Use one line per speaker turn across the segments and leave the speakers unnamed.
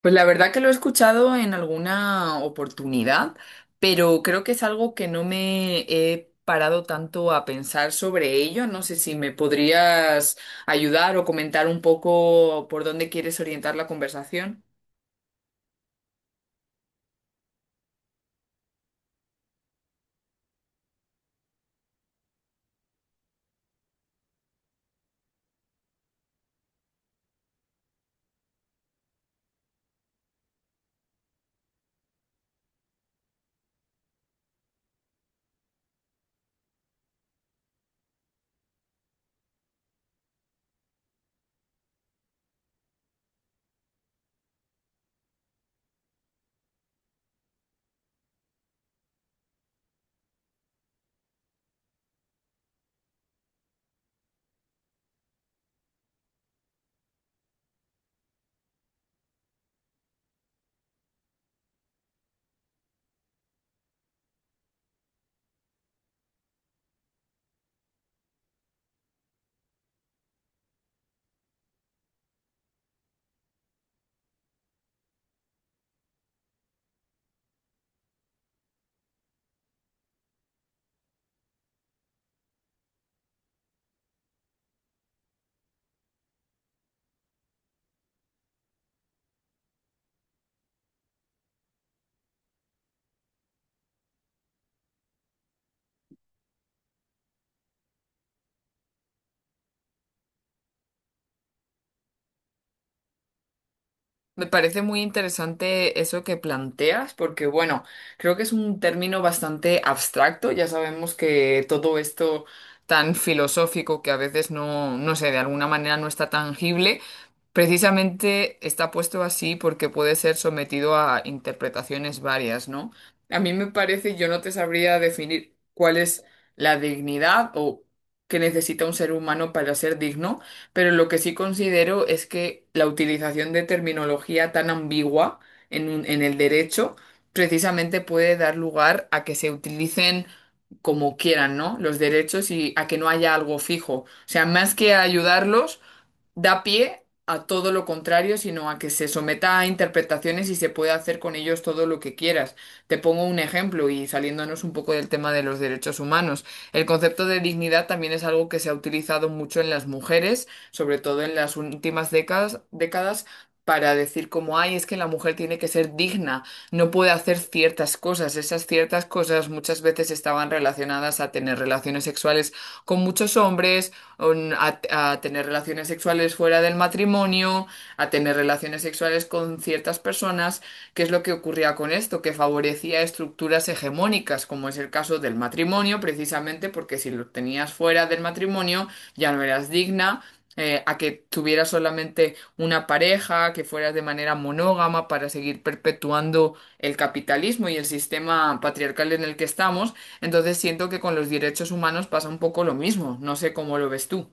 Pues la verdad que lo he escuchado en alguna oportunidad, pero creo que es algo que no me he parado tanto a pensar sobre ello. No sé si me podrías ayudar o comentar un poco por dónde quieres orientar la conversación. Me parece muy interesante eso que planteas, porque bueno, creo que es un término bastante abstracto. Ya sabemos que todo esto tan filosófico que a veces no, no sé, de alguna manera no está tangible, precisamente está puesto así porque puede ser sometido a interpretaciones varias, ¿no? A mí me parece, yo no te sabría definir cuál es la dignidad o que necesita un ser humano para ser digno. Pero lo que sí considero es que la utilización de terminología tan ambigua en, en el derecho precisamente puede dar lugar a que se utilicen como quieran, ¿no? Los derechos y a que no haya algo fijo. O sea, más que ayudarlos, da pie a todo lo contrario, sino a que se someta a interpretaciones y se puede hacer con ellos todo lo que quieras. Te pongo un ejemplo y saliéndonos un poco del tema de los derechos humanos. El concepto de dignidad también es algo que se ha utilizado mucho en las mujeres, sobre todo en las últimas décadas para decir como, ay, es que la mujer tiene que ser digna, no puede hacer ciertas cosas. Esas ciertas cosas muchas veces estaban relacionadas a tener relaciones sexuales con muchos hombres, a, a tener relaciones sexuales fuera del matrimonio, a tener relaciones sexuales con ciertas personas, que es lo que ocurría con esto, que favorecía estructuras hegemónicas, como es el caso del matrimonio, precisamente porque si lo tenías fuera del matrimonio ya no eras digna. A que tuvieras solamente una pareja, que fueras de manera monógama para seguir perpetuando el capitalismo y el sistema patriarcal en el que estamos, entonces siento que con los derechos humanos pasa un poco lo mismo. No sé cómo lo ves tú.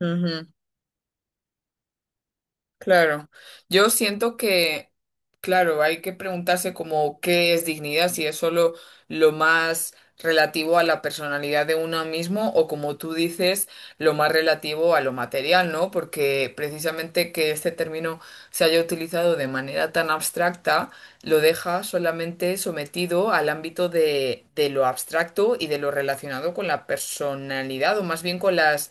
Ujú. Claro, yo siento que, claro, hay que preguntarse como qué es dignidad, si es solo lo más relativo a la personalidad de uno mismo o como tú dices, lo más relativo a lo material, ¿no? Porque precisamente que este término se haya utilizado de manera tan abstracta, lo deja solamente sometido al ámbito de lo abstracto y de lo relacionado con la personalidad o más bien con las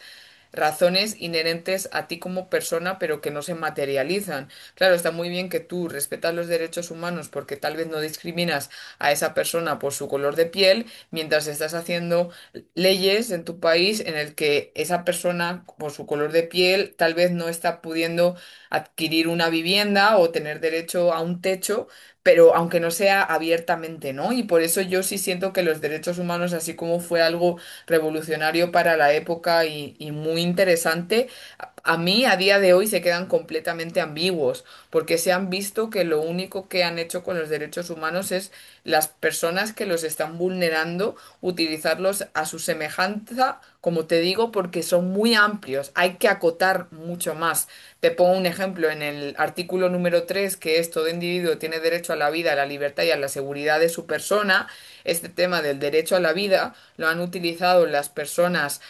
razones inherentes a ti como persona, pero que no se materializan. Claro, está muy bien que tú respetas los derechos humanos porque tal vez no discriminas a esa persona por su color de piel, mientras estás haciendo leyes en tu país en el que esa persona por su color de piel tal vez no está pudiendo adquirir una vivienda o tener derecho a un techo, pero aunque no sea abiertamente, ¿no? Y por eso yo sí siento que los derechos humanos, así como fue algo revolucionario para la época y, muy interesante, a mí a día de hoy se quedan completamente ambiguos, porque se han visto que lo único que han hecho con los derechos humanos es las personas que los están vulnerando utilizarlos a su semejanza, como te digo, porque son muy amplios, hay que acotar mucho más. Te pongo un ejemplo en el artículo número tres, que es: todo individuo tiene derecho a la vida, a la libertad y a la seguridad de su persona. Este tema del derecho a la vida lo han utilizado las personas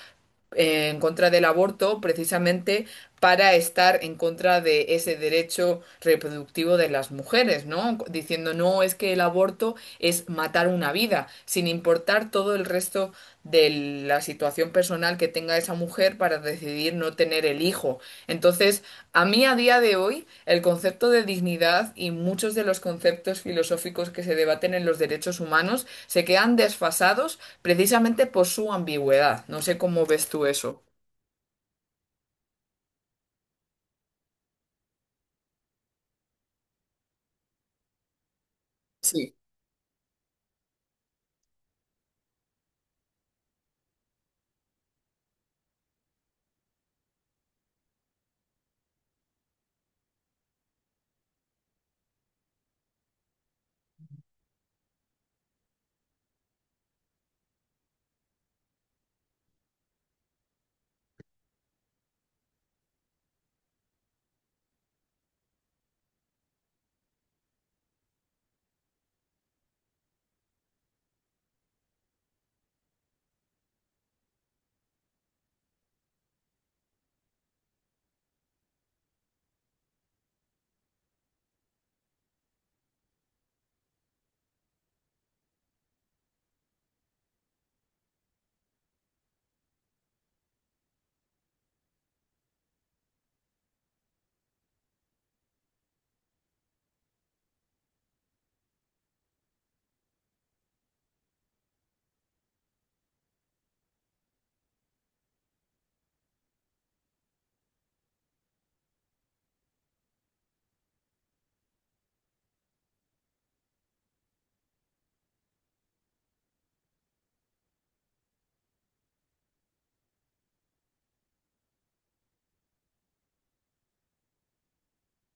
en contra del aborto precisamente para estar en contra de ese derecho reproductivo de las mujeres, ¿no? Diciendo, no, es que el aborto es matar una vida, sin importar todo el resto de la situación personal que tenga esa mujer para decidir no tener el hijo. Entonces, a mí a día de hoy, el concepto de dignidad y muchos de los conceptos filosóficos que se debaten en los derechos humanos se quedan desfasados precisamente por su ambigüedad. No sé cómo ves tú eso. Sí.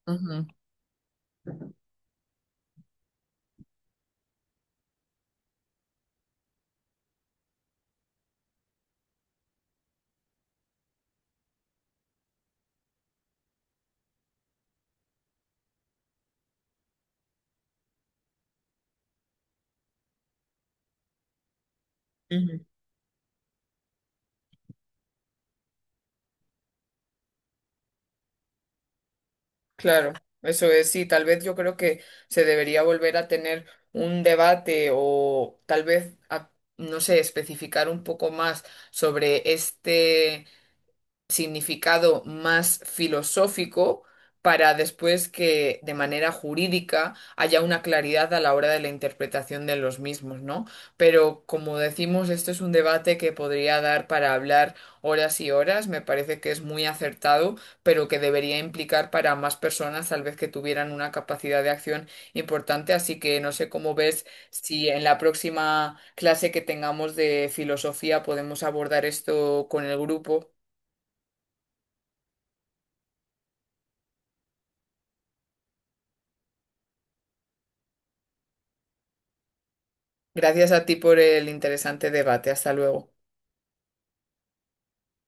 Ujú. Ujú. Claro, eso es, sí, tal vez yo creo que se debería volver a tener un debate o tal vez, no sé, especificar un poco más sobre este significado más filosófico para después que de manera jurídica haya una claridad a la hora de la interpretación de los mismos, ¿no? Pero como decimos, esto es un debate que podría dar para hablar horas y horas, me parece que es muy acertado, pero que debería implicar para más personas tal vez que tuvieran una capacidad de acción importante, así que no sé cómo ves si en la próxima clase que tengamos de filosofía podemos abordar esto con el grupo. Gracias a ti por el interesante debate. Hasta luego.